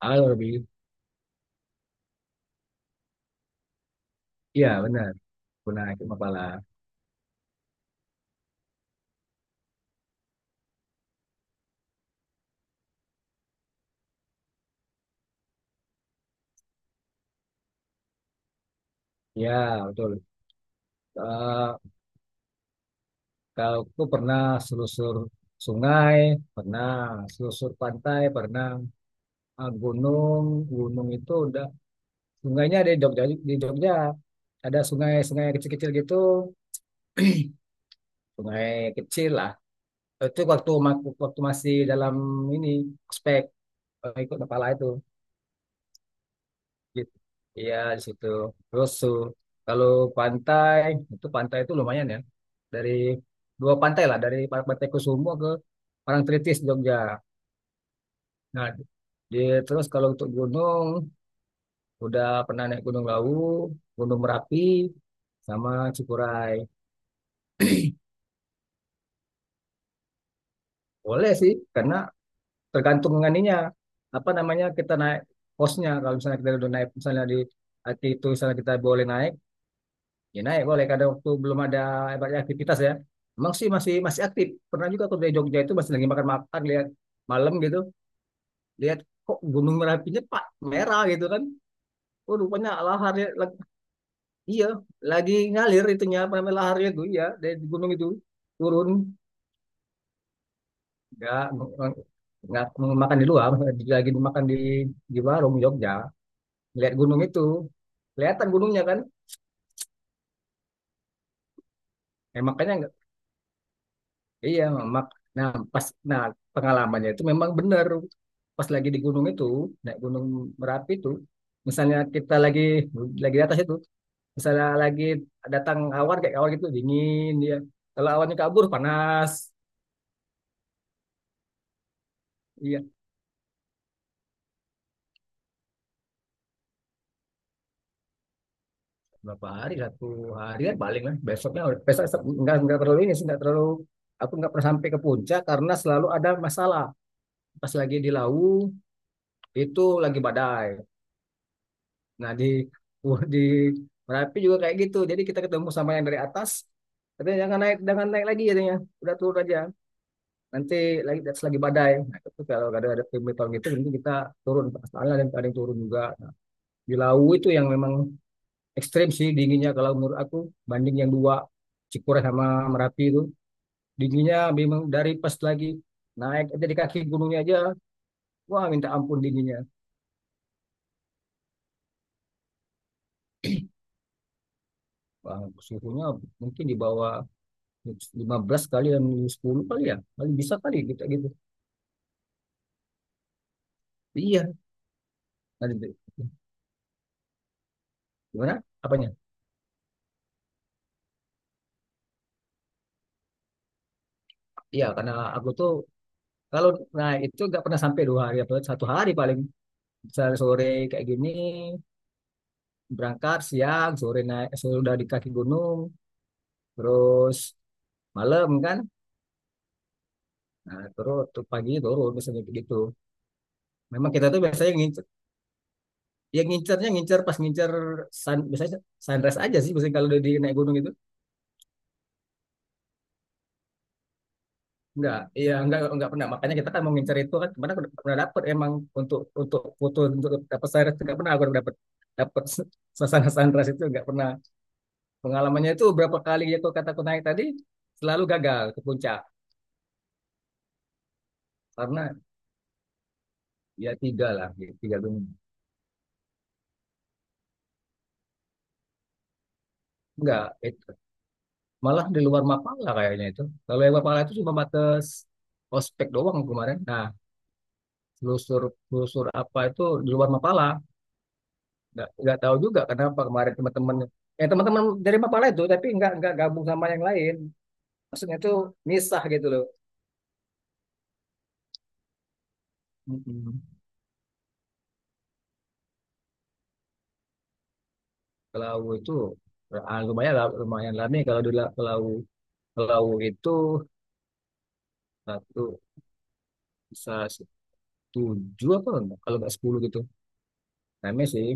Halo Robi, iya benar, pernah ikut Mapala. Ya betul. Eh, kalau aku pernah selusur sungai, pernah selusur pantai, pernah gunung. Gunung itu udah sungainya ada di Jogja, di Jogja. Ada sungai-sungai kecil-kecil gitu, sungai kecil lah. Itu waktu masih dalam ini ospek, ikut kepala itu. Gitu. Iya di situ. Terus, kalau pantai pantai itu lumayan ya. Dari dua pantai lah, dari Pantai Kusumo ke Parangtritis Jogja. Nah, di, terus kalau untuk gunung udah pernah naik Gunung Lawu, Gunung Merapi sama Cikuray. Boleh sih, karena tergantung nganinya, apa namanya, kita naik posnya. Kalau misalnya kita udah naik misalnya di Aki itu, misalnya kita boleh naik. Ya, naik boleh kadang waktu belum ada banyak aktivitas ya. Emang sih masih masih aktif. Pernah juga aku dari Jogja itu masih lagi makan-makan, lihat malam gitu, lihat kok Gunung Merapinya pak merah gitu kan. Oh, rupanya laharnya iya lagi ngalir itunya, apa namanya, laharnya itu, iya, dari gunung itu turun. Nggak nggak makan di luar, lagi makan di warung Jogja, lihat gunung itu, kelihatan gunungnya kan. Makanya. Iya, mak. Nah, pas, nah, pengalamannya itu memang benar. Pas lagi di gunung itu, naik gunung Merapi itu, misalnya kita lagi di atas itu, misalnya lagi datang awan, kayak awan gitu dingin dia. Kalau awannya kabur panas. Iya, berapa hari? Satu hari kan paling lah. Besoknya besok nggak, enggak terlalu ini sih, enggak terlalu, aku nggak pernah sampai ke puncak karena selalu ada masalah. Pas lagi di Lawu itu lagi badai. Nah, di di Merapi juga kayak gitu. Jadi kita ketemu sama yang dari atas. Katanya jangan naik, jangan naik lagi katanya. Udah turun aja. Nanti lagi atas lagi badai. Nah, itu kalau ada pemberitahuan gitu, nanti kita turun. Pastilah, dan ada yang turun juga. Di Lawu itu yang memang ekstrim sih dinginnya, kalau menurut aku, banding yang dua, Cikure sama Merapi itu, dinginnya memang dari pas lagi naik aja, di kaki gunungnya aja. Wah, minta ampun dinginnya. Wah, suhunya mungkin di bawah 15 kali dan 10 kali ya. Paling bisa kali kita gitu. Iya. Nah, gitu. Gimana? Apanya? Iya, karena aku tuh, kalau, nah itu, nggak pernah sampai 2 hari apa 1 hari paling. Sore sore kayak gini berangkat, siang sore naik, sudah di kaki gunung, terus malam kan, nah, terus tuh pagi turun biasanya begitu. Memang kita tuh biasanya ngincer, yang ngincernya ngincer pas, ngincer biasanya sunrise aja sih biasanya, kalau udah di naik gunung itu. Enggak, iya, enggak pernah. Makanya kita kan mau ngincer itu kan, kemana aku udah pernah dapet, emang untuk foto, untuk dapat sunrise, enggak pernah aku dapat. dapat suasana sunrise itu enggak pernah. Pengalamannya itu berapa kali ya, kalau kata aku, naik tadi selalu gagal ke puncak karena, ya, tiga lah, ya, tiga gunung. Enggak, itu malah di luar Mapala kayaknya itu. Kalau yang Mapala itu cuma batas ospek doang kemarin. Nah, telusur telusur apa itu di luar Mapala. Nggak tahu juga kenapa kemarin teman-teman, yang teman-teman dari Mapala itu, tapi nggak gabung sama yang lain, maksudnya tuh, misah gitu loh. Mm-mm. Kalau itu, lumayan lah, lumayan lama kalau dulu, kalau kalau itu, satu bisa tujuh apa enggak? Kalau nggak 10 gitu. Rame sih,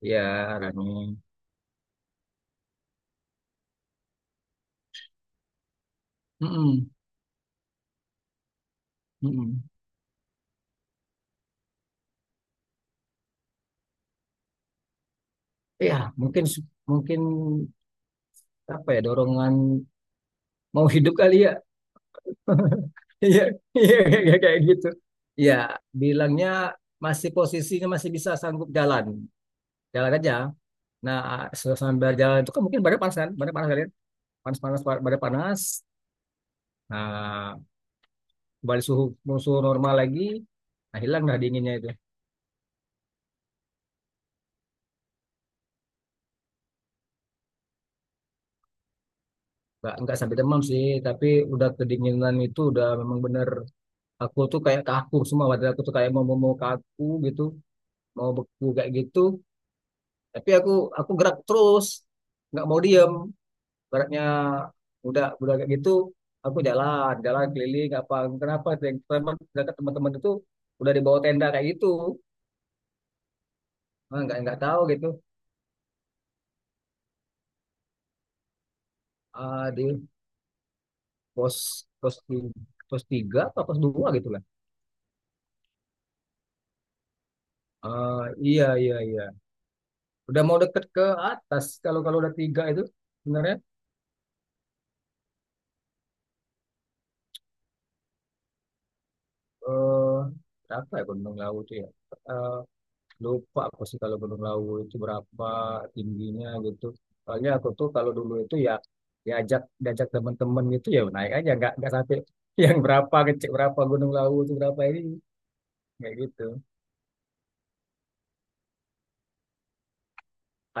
ya, rame. Mm-mm. Mm-mm. Ya, mungkin mungkin apa ya, dorongan mau hidup kali ya. Iya, iya, iya, kayak gitu. Iya, bilangnya masih posisinya masih bisa sanggup jalan, jalan aja. Nah, sambil jalan itu kan mungkin badan panas kan, badan panas kalian, panas-panas, badan panas. Nah, kembali suhu, normal lagi, nah, hilang dah dinginnya itu. Nggak sampai demam sih, tapi udah kedinginan itu udah memang bener. Aku tuh kayak kaku semua, badan aku tuh kayak mau, mau kaku gitu, mau beku kayak gitu. Tapi aku gerak terus, nggak mau diem. Baratnya udah kayak gitu, aku jalan jalan keliling apa, kenapa teman teman teman-teman itu udah dibawa tenda kayak gitu. Nggak tahu gitu. Di pos pos ti- pos tiga atau pos dua gitu lah. Ah, iya, iya, iya, udah mau deket ke atas, kalau kalau udah tiga itu sebenarnya. Eh berapa ya Gunung Lawu itu ya? Eh, Lupa aku sih, kalau Gunung Lawu itu berapa tingginya gitu. Soalnya aku tuh kalau dulu itu ya, diajak diajak teman-teman gitu ya, naik aja nggak sampai yang berapa, kecil, berapa Gunung Lawu itu berapa, ini kayak gitu.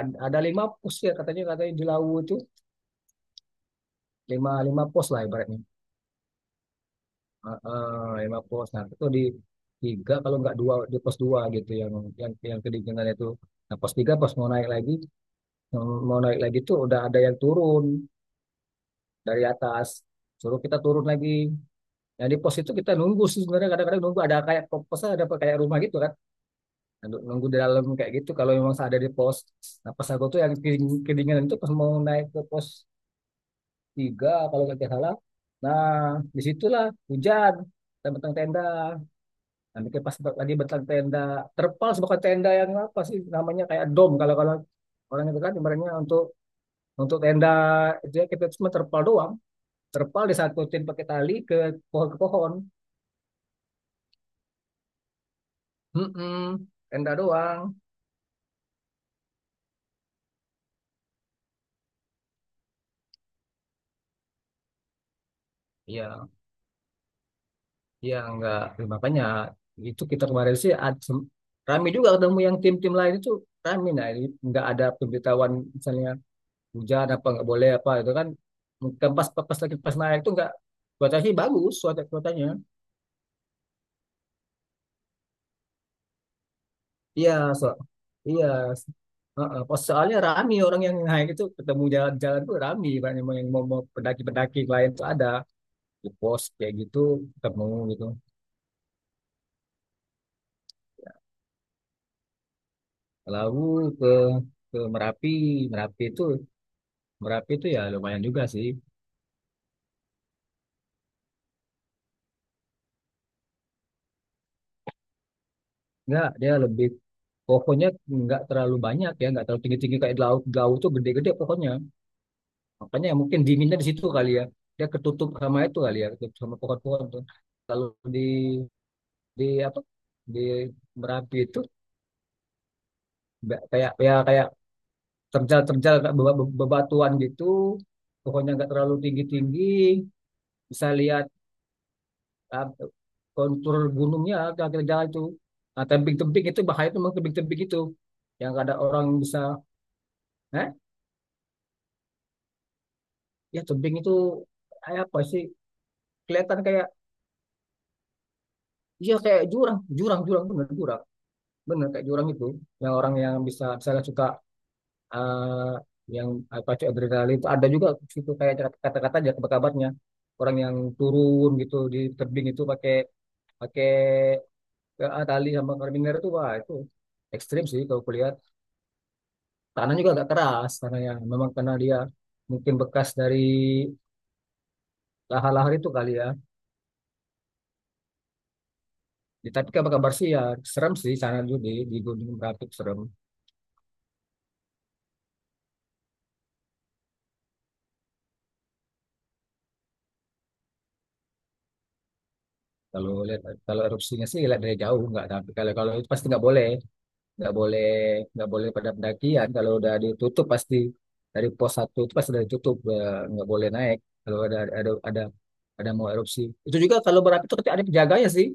Ada, 5 pos ya katanya katanya di Lawu itu lima lima pos lah ibaratnya. Heeh, 5 pos. Nah itu di tiga kalau nggak dua, di pos dua gitu yang, yang kedinginan itu. Nah, pos tiga pas mau naik lagi, tuh udah ada yang turun dari atas, suruh kita turun lagi. Yang di pos itu kita nunggu sih sebenarnya, kadang-kadang nunggu ada kayak posnya, ada kayak rumah gitu kan. Nunggu nunggu di dalam kayak gitu kalau memang ada di pos. Nah, pas aku tuh yang kedinginan itu pas mau naik ke pos tiga kalau nggak salah. Nah, disitulah hujan dan bentang tenda. Nah, bikin pas lagi bentang tenda, terpal, sebuah tenda yang apa sih namanya, kayak dom kalau kalau orang itu kan, ibaratnya untuk, tenda itu ya, kita cuma terpal doang. Terpal disangkutin pakai tali ke pohon, ke pohon. Mm-mm, tenda doang. Ya, ya, enggak, makanya itu kita kemarin sih, rame juga ketemu yang tim-tim lain itu, rame. Nah, ini nggak ada pemberitahuan misalnya hujan apa, nggak boleh apa itu kan. Mungkin pas pas lagi pas naik itu nggak, cuacanya sih bagus, cuacanya. Iya, so, iya. Heeh, pas soalnya rame orang yang naik itu, ketemu jalan-jalan tuh rame, banyak yang mau, mau pendaki-pendaki lain tuh ada, ke pos kayak gitu ketemu gitu. Lalu ke, Merapi. Merapi itu Merapi itu ya lumayan juga sih. Nggak, dia lebih pohonnya nggak terlalu banyak ya, nggak terlalu tinggi tinggi kayak di laut. Di laut tuh gede-gede pohonnya, makanya ya mungkin dinginnya di situ kali ya, dia ketutup sama itu kali ya, ketutup sama pohon-pohon tuh. Kalau di di apa di Merapi itu nggak kayak terjal-terjal, kayak bebatuan gitu. Pohonnya nggak terlalu tinggi-tinggi, bisa lihat, ah, kontur gunungnya kira-kira jalan itu. Nah, tebing-tebing itu bahaya tuh, memang tebing-tebing itu. Yang ada orang yang bisa, eh, ya, tebing itu kayak apa sih? Kelihatan kayak, iya, kayak jurang, jurang, jurang, bener kayak jurang itu. Yang orang yang bisa misalnya suka, eh, yang apa sih, adrenalin itu ada juga gitu, kayak kata-kata aja kabarnya, orang yang turun gitu di tebing itu pakai, pakai tali sama karabiner itu. Wah, itu ekstrim sih, kalau kuliah tanah juga agak keras karena yang memang karena dia mungkin bekas dari lahar-lahar itu kali ya. Ya, tapi kabar kabar sih ya. Serem sih sana dulu, di Gunung Merapi itu serem. Kalau lihat kalau erupsinya sih, lihat dari jauh nggak, tapi kalau kalau itu pasti nggak boleh, nggak boleh, nggak boleh pada pendakian. Kalau udah ditutup, pasti dari pos satu itu pasti udah ditutup, nggak boleh naik kalau ada, mau erupsi itu juga, kalau berapi itu, tapi ada penjaganya sih.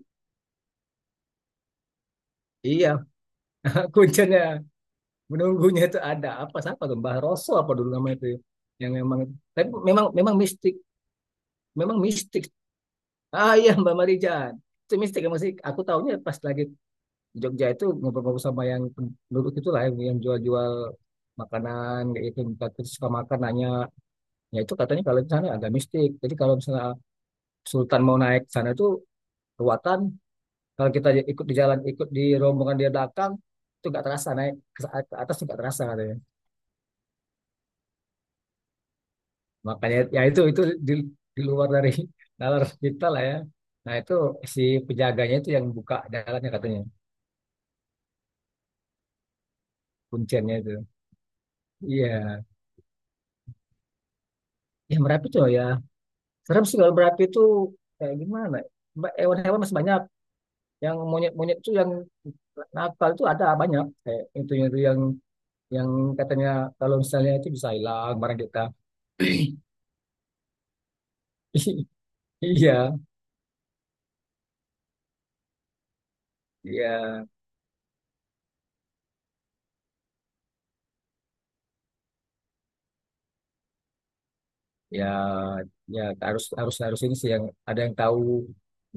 Iya, kuncinya, menunggunya itu ada apa, siapa tuh, Mbah Roso apa dulu namanya itu, yang memang, tapi memang, mistik, memang mistik. Ah, iya, Mbak Marijan. Itu mistik ya, masih aku tahunya pas lagi di Jogja itu, ngobrol-ngobrol sama yang penduduk itulah, yang, jual-jual makanan kayak gitu, minta terus suka makan, nanya. Ya, itu katanya kalau di sana agak mistik. Jadi kalau misalnya Sultan mau naik ke sana itu ruatan, kalau kita ikut di jalan, ikut di rombongan dia belakang itu, nggak terasa naik ke, atas, nggak terasa katanya. Makanya ya, itu, di, di luar dari nalar kita lah ya. Nah, itu si penjaganya itu yang buka jalannya katanya, kuncinya itu. Iya, ya, Merapi tuh ya. Serem sih kalau Merapi itu, kayak gimana? Hewan-hewan masih banyak. Yang monyet-monyet itu yang nakal itu ada banyak. Kayak itu yang katanya kalau misalnya itu bisa hilang barang kita. Iya, iya. Ya, ya, harus, harus, harus ini sih yang ada, yang tahu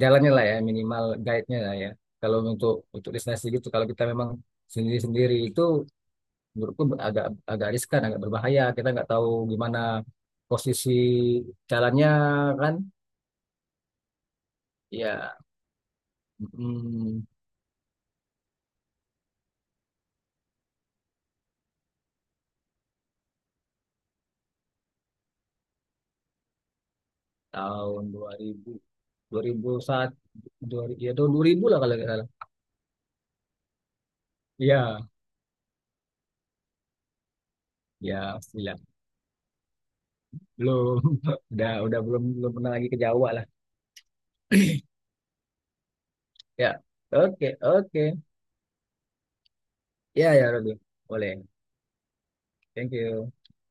jalannya lah ya, minimal guide-nya lah ya. Kalau untuk, destinasi gitu, kalau kita memang sendiri sendiri itu, menurutku agak, agak riskan, agak berbahaya. Kita nggak tahu gimana posisi jalannya kan. Ya, mm, tahun 2000, 2001, 2000, ya tahun 2000 lah kalau nggak salah. Ya, ya, pastilah belum. Udah belum belum pernah lagi ke Jawa lah ya. Oke, oke. Ya, ya, Robi. Boleh. Thank you.